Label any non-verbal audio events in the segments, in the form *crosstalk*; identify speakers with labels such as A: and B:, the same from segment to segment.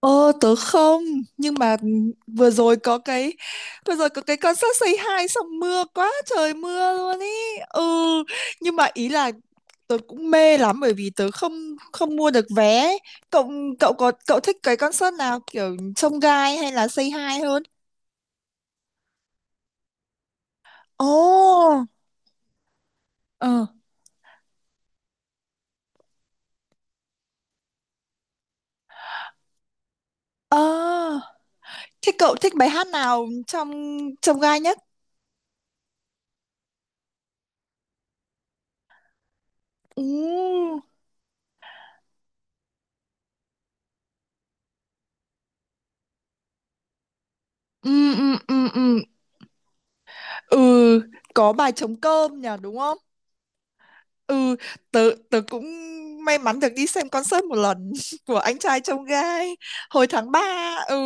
A: Ờ, tớ không. Nhưng mà vừa rồi có cái Vừa rồi có cái concert Say Hi xong mưa quá trời, mưa luôn ý. Ừ. Nhưng mà ý là tớ cũng mê lắm. Bởi vì tớ không không mua được vé. Cậu cậu có cậu thích cái concert nào, kiểu trông gai hay là Say Hi hơn? Ồ. Ờ. Ờ. Thế cậu thích bài hát nào trong trông gai nhất? Ừ. Ừ, ừ, ừ, ừ. Ừ, có bài trống cơm nhỉ, đúng không? Ừ, tớ cũng may mắn được đi xem concert một lần *laughs* của anh trai Chông Gai hồi tháng 3. Ừ,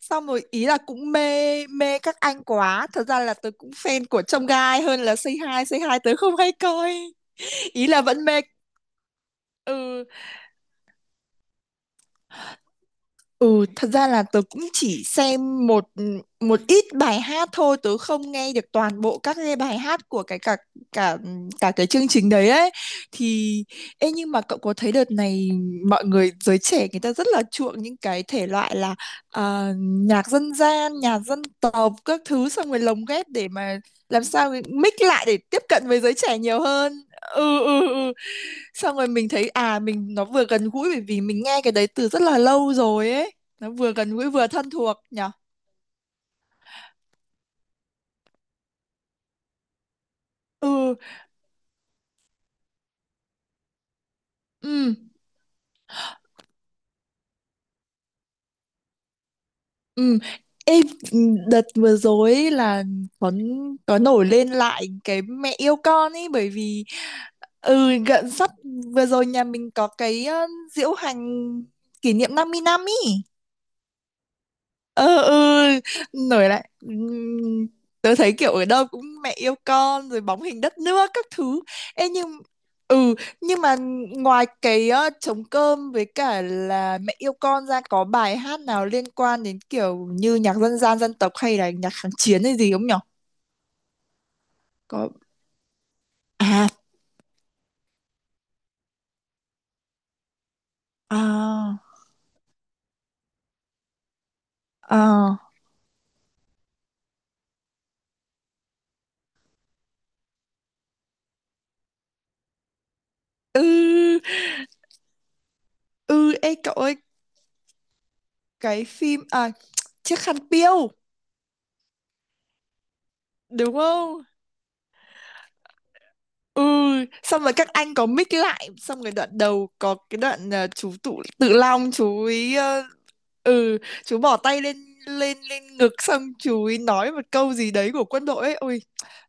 A: xong rồi ý là cũng mê mê các anh quá. Thật ra là tớ cũng fan của Chông Gai hơn là Say Hi. Say Hi tớ không hay coi. Ý là vẫn mê. Ừ, Ừ, thật ra là tớ cũng chỉ xem một một ít bài hát thôi, tớ không nghe được toàn bộ các cái bài hát của cái cả cả cả cái chương trình đấy ấy. Thì ê, nhưng mà cậu có thấy đợt này mọi người, giới trẻ người ta rất là chuộng những cái thể loại là nhạc dân gian, nhạc dân tộc các thứ, xong rồi lồng ghép để mà làm sao mix lại để tiếp cận với giới trẻ nhiều hơn. Ừ, ừ, ừ, xong rồi mình thấy mình nó vừa gần gũi bởi vì mình nghe cái đấy từ rất là lâu rồi ấy, nó vừa gần gũi vừa thân thuộc nhở. Ừ, ừ, ừ. Ê, đợt vừa rồi ấy là có có nổi lên lại cái mẹ yêu con ấy, bởi vì sắp vừa rồi nhà mình có cái diễu hành kỷ niệm 50 năm. Ừ, ừ, nổi lại. Tớ thấy kiểu ở đâu cũng mẹ yêu con rồi bóng hình đất nước các thứ. Ê, ừ nhưng mà ngoài cái trống cơm với cả là mẹ yêu con ra, có bài hát nào liên quan đến kiểu như nhạc dân gian dân tộc hay là nhạc kháng chiến hay gì không nhở? Có. à à à ừ, ừ, ê cậu ơi, cái phim à, *tsk* chiếc khăn piêu, đúng không? Ừ, xong rồi các anh có mix lại, xong rồi đoạn đầu có cái đoạn chú Tự Long chú ý ừ, chú bỏ tay lên lên lên ngực, xong chú ý nói một câu gì đấy của quân đội ấy, ôi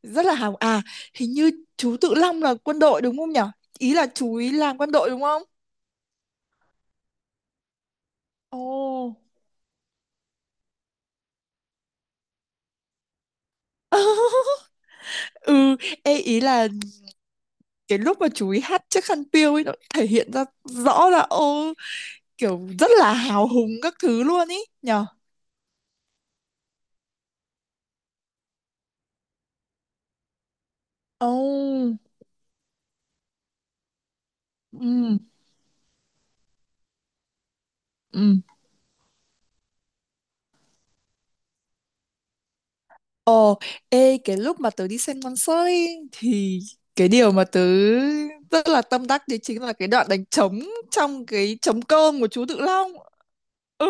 A: rất là hào à. Hình như chú Tự Long là quân đội đúng không nhở? Ý là chú ý làm quân đội đúng không? Ồ. *laughs* Ừ, ê ý là cái lúc mà chú ý hát chiếc khăn piêu ấy, nó thể hiện ra rõ là ô, kiểu rất là hào hùng các thứ luôn ý nhở. Ồ. Ừ, ừ. Ồ, ê, cái lúc mà tớ đi xem concert ấy, thì cái điều mà tớ rất là tâm đắc đấy chính là cái đoạn đánh trống trong cái trống cơm của chú Tự Long. Ừ,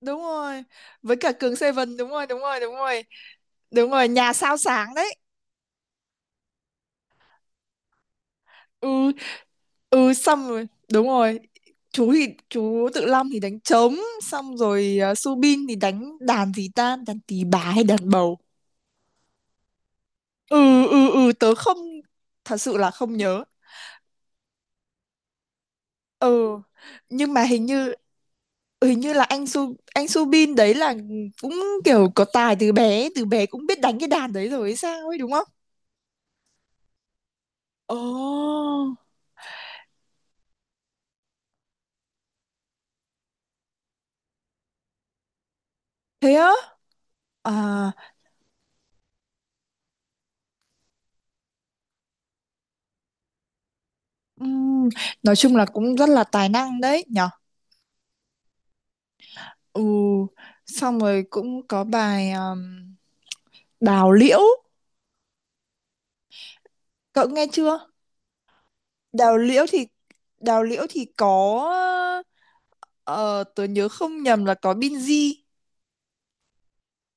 A: đúng rồi. Với cả Cường Seven, đúng rồi, đúng rồi, đúng rồi. Đúng rồi, nhà sao sáng đấy. Ừ, ừ, xong rồi, đúng rồi. Chú Tự Long thì đánh trống, xong rồi Subin thì đánh đàn gì ta, đàn tỳ bà hay đàn bầu. Ừ, ừ, ừ, tớ không thật sự là không nhớ. ừ nhưng mà hình như là anh Subin đấy là cũng kiểu có tài từ bé, từ bé cũng biết đánh cái đàn đấy rồi hay sao ấy đúng không? Ồ, thế á à. ừm, nói chung là cũng rất là tài năng đấy nhở. Ừ, xong rồi cũng có bài Đào Liễu, cậu nghe chưa? Đào Liễu thì Đào Liễu thì có, ờ, tớ nhớ không nhầm là có Binz.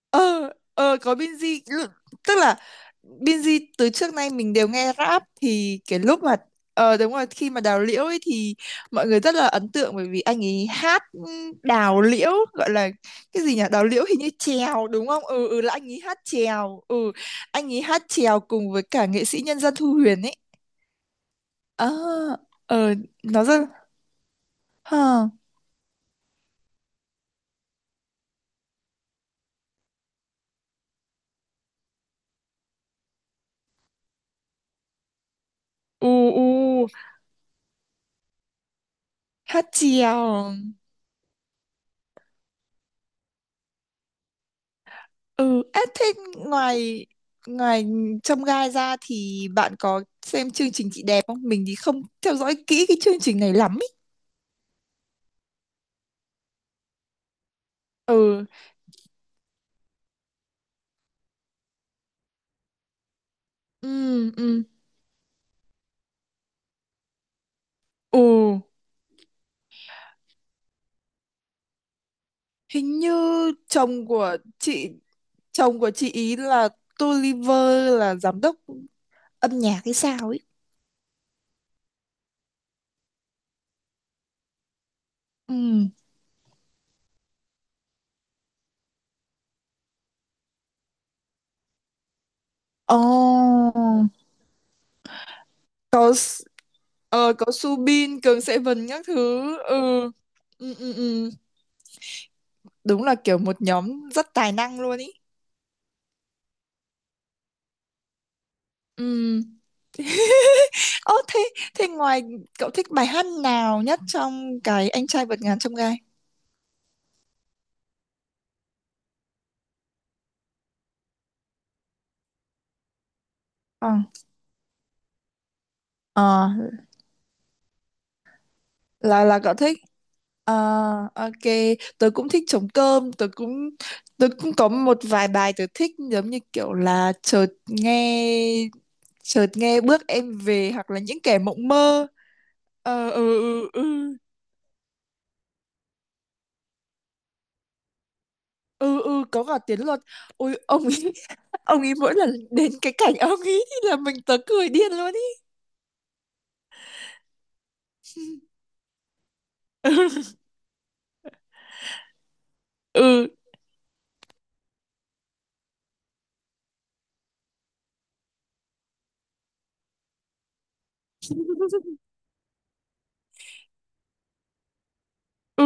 A: Ờ có Binz, tức là Binz từ trước nay mình đều nghe rap, thì cái lúc mà, đúng rồi, khi mà đào liễu ấy thì mọi người rất là ấn tượng bởi vì anh ấy hát, đào liễu gọi là cái gì nhỉ, đào liễu hình như chèo đúng không, ừ, ừ, là anh ấy hát chèo. Ừ, anh ấy hát chèo cùng với cả nghệ sĩ nhân dân Thu Huyền ấy. Ờ. Ờ, nó rất ha. U u Hát chèo. Ừ, ế, thế ngoài ngoài chông gai ra thì bạn có xem chương trình chị đẹp không? Mình thì không theo dõi kỹ cái chương trình này lắm ý. Ừ, ừ, ừ. Ừ, hình như chồng của chị chồng của chị ý là Toliver là giám đốc âm nhạc hay sao ấy. Ừ. Ồ, có S- có Subin, Cường Sệ Vân các thứ. Ừ. Ừ, ừ, ừ. Đúng là kiểu một nhóm rất tài năng luôn ý. Ừ. *laughs* Ơ thế thế ngoài cậu thích bài hát nào nhất trong cái anh trai vượt ngàn chông gai? Ờ. Ờ, là cậu thích. Ờ, ok, tớ cũng thích trống cơm, tớ cũng có một vài bài tớ thích giống như kiểu là chợt nghe bước em về hoặc là những kẻ mộng mơ. Ờ, ừ, ừ, ừ. Ừ, ừ, có cả Tiến Luật. Ôi, ông ấy. *laughs* Ông ấy mỗi lần đến cái cảnh ông ấy, thì là tớ cười điên luôn ý. *laughs* Ừ, ừ. Ừ,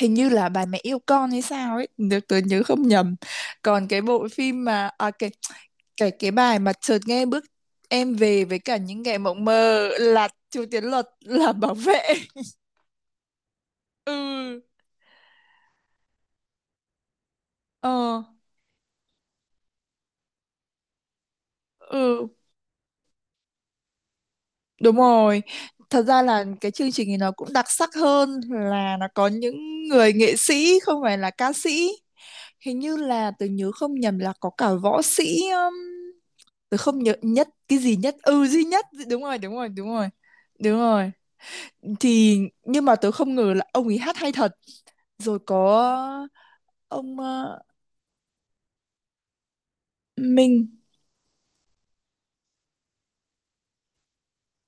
A: hình như là bà mẹ yêu con hay sao ấy, nếu tớ nhớ không nhầm. Còn cái bộ phim mà à cái bài mà chợt nghe bước em về với cả những ngày mộng mơ là Chu Tiến Luật là bảo vệ. *laughs* Ừ, ờ, ừ, đúng rồi. Thật ra là cái chương trình này nó cũng đặc sắc hơn là nó có những người nghệ sĩ không phải là ca sĩ. Hình như là tớ nhớ không nhầm là có cả võ sĩ. Tớ không nhớ nhất cái gì nhất. Ừ duy nhất. Đúng rồi, đúng rồi, đúng rồi. Đúng rồi. Thì nhưng mà tớ không ngờ là ông ấy hát hay thật. Rồi có ông Minh.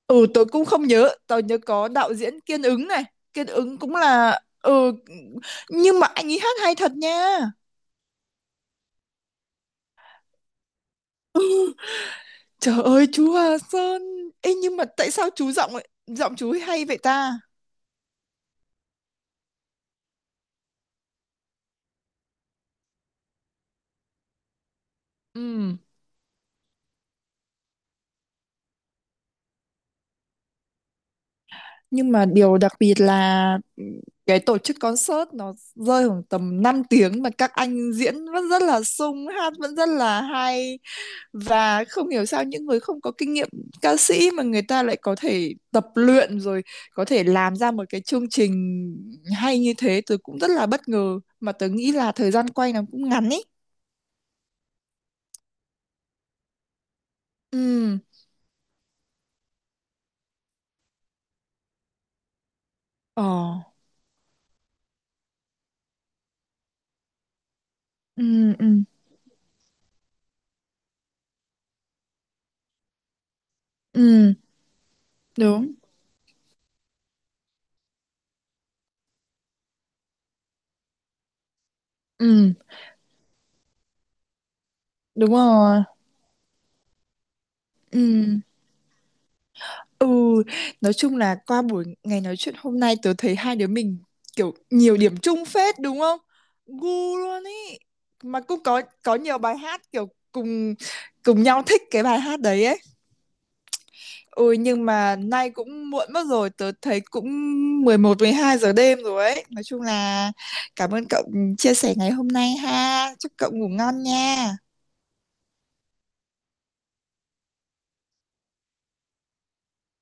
A: Ừ tớ cũng không nhớ, tớ nhớ có đạo diễn Kiên Ứng này. Kiên Ứng cũng là. Ừ nhưng mà anh ấy hát hay thật nha. Trời ơi chú Hà Sơn. Ê nhưng mà tại sao giọng chú ấy hay vậy ta? Ừ. Nhưng mà điều đặc biệt là, cái tổ chức concert nó rơi khoảng tầm 5 tiếng mà các anh diễn vẫn rất là sung, hát vẫn rất là hay, và không hiểu sao những người không có kinh nghiệm ca sĩ mà người ta lại có thể tập luyện rồi có thể làm ra một cái chương trình hay như thế, tớ cũng rất là bất ngờ mà tớ nghĩ là thời gian quay nó cũng ngắn ấy. Ừ. Ờ. Ừ, ừ, ừ, đúng. Ừ, đúng rồi. Ừ, Ừ, nói chung là qua buổi ngày nói chuyện hôm nay tớ thấy hai đứa mình kiểu nhiều điểm chung phết đúng không? Gu luôn ý. Mà cũng có nhiều bài hát kiểu cùng cùng nhau thích cái bài hát đấy ấy. Ôi nhưng mà nay cũng muộn mất rồi, tớ thấy cũng 11, 12 giờ đêm rồi ấy. Nói chung là cảm ơn cậu chia sẻ ngày hôm nay ha. Chúc cậu ngủ ngon nha.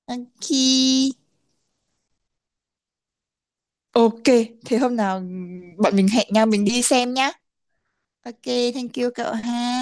A: Thank you. Ok, thế hôm nào bọn mình hẹn nhau mình đi xem nhá. Ok, thank you cậu ha.